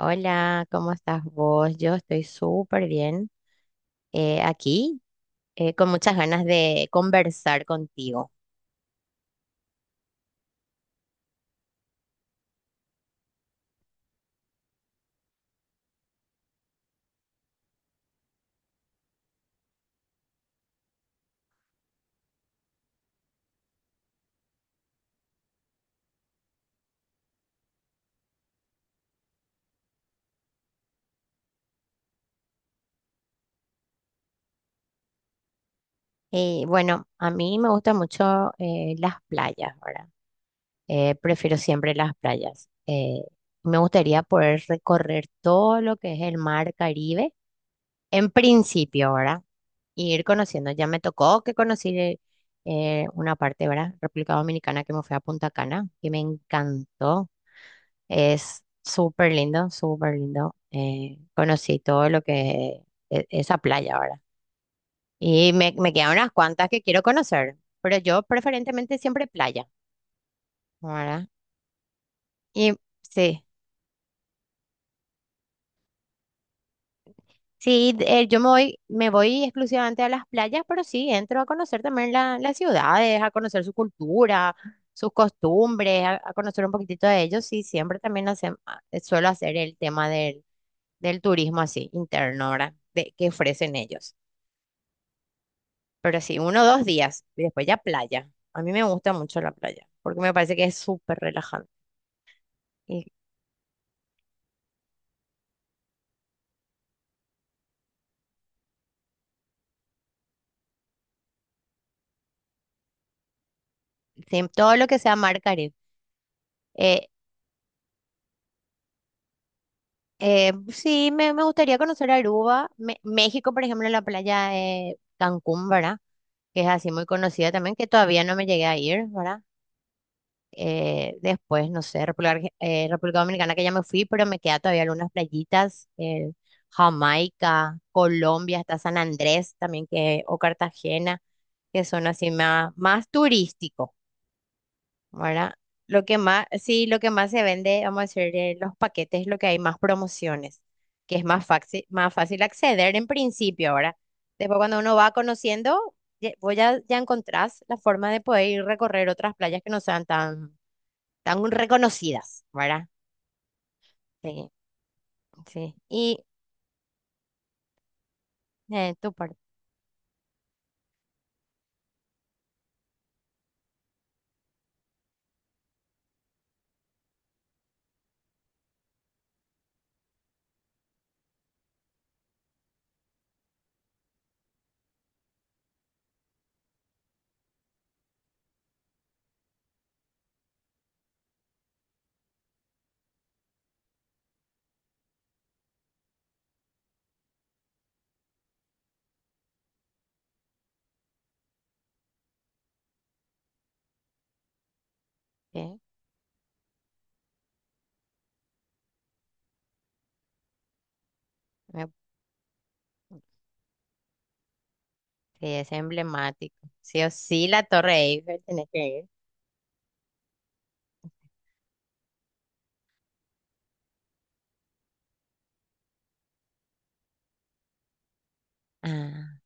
Hola, ¿cómo estás vos? Yo estoy súper bien aquí, con muchas ganas de conversar contigo. Y bueno, a mí me gustan mucho las playas, ¿verdad? Prefiero siempre las playas. Me gustaría poder recorrer todo lo que es el mar Caribe, en principio, ¿verdad? Y ir conociendo. Ya me tocó que conocí una parte, ¿verdad? República Dominicana, que me fui a Punta Cana, que me encantó. Es súper lindo, súper lindo. Conocí todo lo que esa playa ahora. Y me quedan unas cuantas que quiero conocer, pero yo preferentemente siempre playa, ¿verdad? Y sí, sí, yo me voy exclusivamente a las playas, pero sí, entro a conocer también las ciudades, a conocer su cultura, sus costumbres, a conocer un poquitito de ellos. Sí, siempre también suelo hacer el tema del turismo así, interno, ¿verdad? De, que ofrecen ellos. Pero sí, uno o dos días. Y después ya playa. A mí me gusta mucho la playa, porque me parece que es súper relajante. Y sí, todo lo que sea mar Caribe. Eh, sí, me gustaría conocer Aruba. México, por ejemplo, la playa de Cancún, ¿verdad? Que es así muy conocida también, que todavía no me llegué a ir, ¿verdad? Después, no sé, República Dominicana, que ya me fui, pero me queda todavía algunas playitas. Jamaica, Colombia, hasta San Andrés también, que, o Cartagena, que son así más, más turísticos, ¿verdad? Lo que más, sí, lo que más se vende, vamos a decir, de los paquetes es lo que hay más promociones, que es más fácil acceder en principio, ¿verdad? Después cuando uno va conociendo, vos ya, ya encontrás la forma de poder ir recorrer otras playas que no sean tan, tan reconocidas, ¿verdad? Sí, sí. Y tu parte, eh, sí, es emblemático. Sí o sí, la Torre Eiffel, tenés que ir. Ah,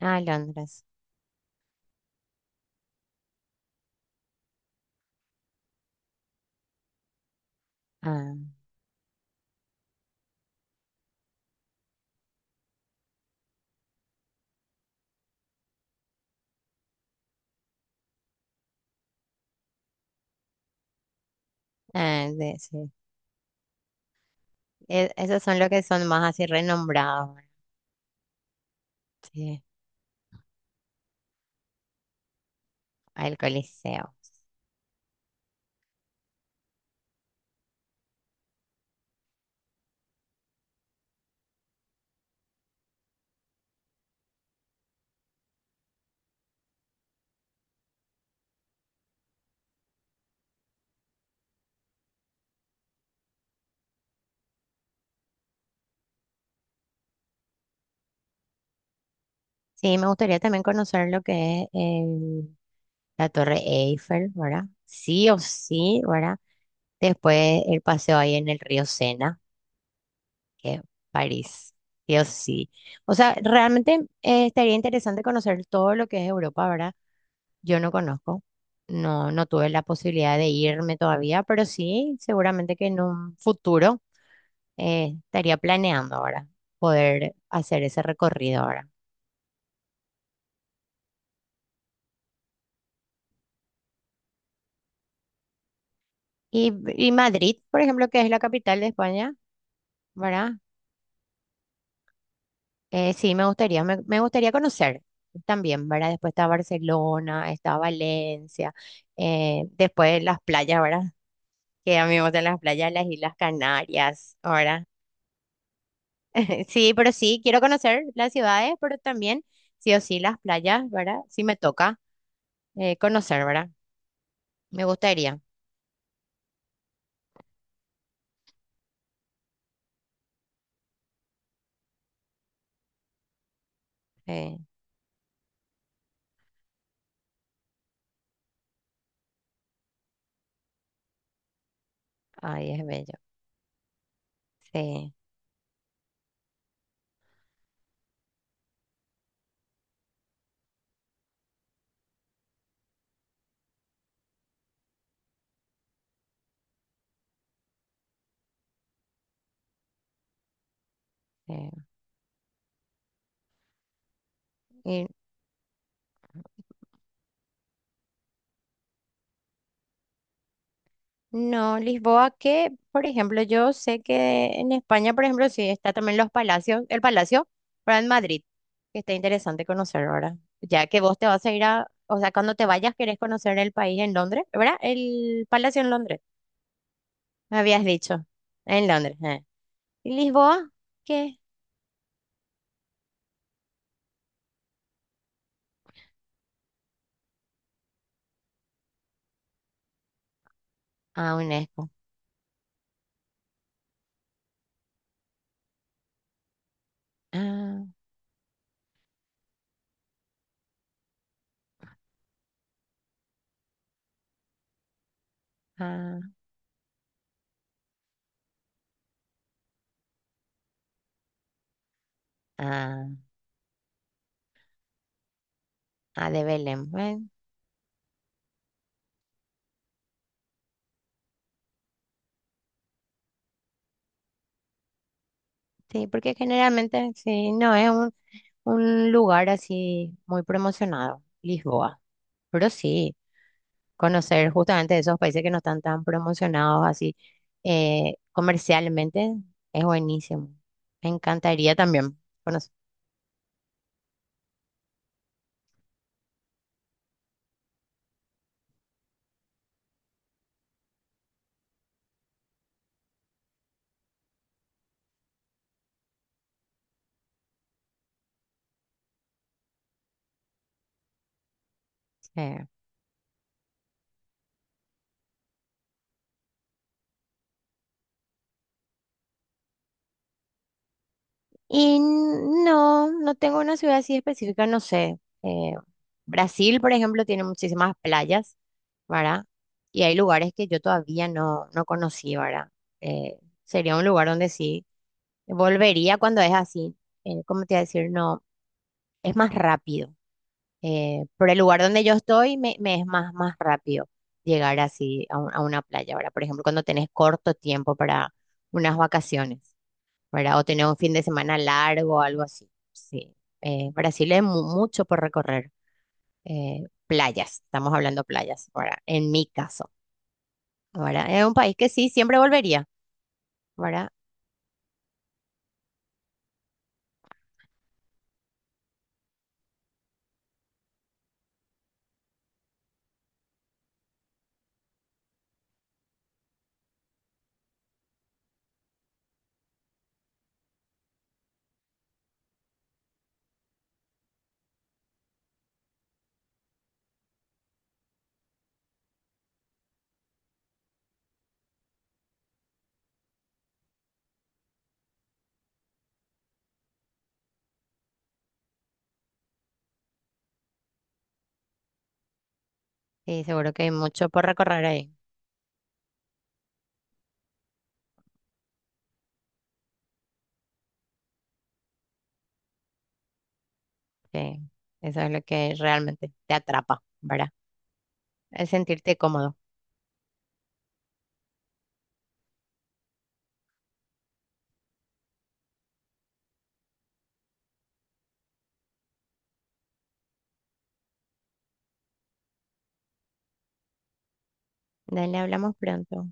a Londres. Ah. Ah, sí, sí. E- esos son los que son más así renombrados, ¿verdad? Sí, al Coliseo. Sí, me gustaría también conocer lo que es la Torre Eiffel, ¿verdad? Sí o sí, ¿verdad? Después el paseo ahí en el río Sena, que es París, sí o sí. O sea, realmente estaría interesante conocer todo lo que es Europa, ¿verdad? Yo no conozco, no, no tuve la posibilidad de irme todavía, pero sí, seguramente que en un futuro. Estaría planeando ahora poder hacer ese recorrido ahora. Y Madrid, por ejemplo, que es la capital de España, ¿verdad? Sí, me gustaría, me gustaría conocer también, ¿verdad? Después está Barcelona, está Valencia, después las playas, ¿verdad? Que a mí me gustan las playas, las Islas Canarias, ¿verdad? Sí, pero sí, quiero conocer las ciudades, pero también, sí o sí, las playas, ¿verdad? Sí me toca conocer, ¿verdad? Me gustaría. eh, Ay, es bello. Sí. Eh, y no, Lisboa, que por ejemplo, yo sé que en España, por ejemplo, sí está también los palacios, el palacio, pero en Madrid, que está interesante conocer ahora, ya que vos te vas a ir a, o sea, cuando te vayas querés conocer el país en Londres, ¿verdad? El palacio en Londres, me habías dicho, en Londres. ¿Y Lisboa? ¿Qué? Ah, UNESCO. Ah, ah, ah, ah, de Belén. Bueno, sí, porque generalmente, sí, no es un... un lugar así muy promocionado, Lisboa. Pero sí, conocer justamente esos países que no están tan promocionados así comercialmente es buenísimo. Me encantaría también conocer. eh. Y no, no tengo una ciudad así específica, no sé. Brasil, por ejemplo, tiene muchísimas playas, ¿verdad? Y hay lugares que yo todavía no conocí, ¿verdad? Eh, sería un lugar donde sí. Volvería cuando es así. ¿Cómo te iba a decir? No, es más rápido. Por el lugar donde yo estoy, me es más, más rápido llegar así a, a una playa. Ahora, por ejemplo, cuando tenés corto tiempo para unas vacaciones, ¿verdad? O tener un fin de semana largo o algo así. Sí. Brasil es mucho por recorrer. Playas, estamos hablando playas, ¿verdad? En mi caso, ¿verdad? Es un país que sí, siempre volvería, ¿verdad? Seguro que hay mucho por recorrer ahí. Sí, eso es lo que realmente te atrapa, ¿verdad? El sentirte cómodo. Dale, hablamos pronto.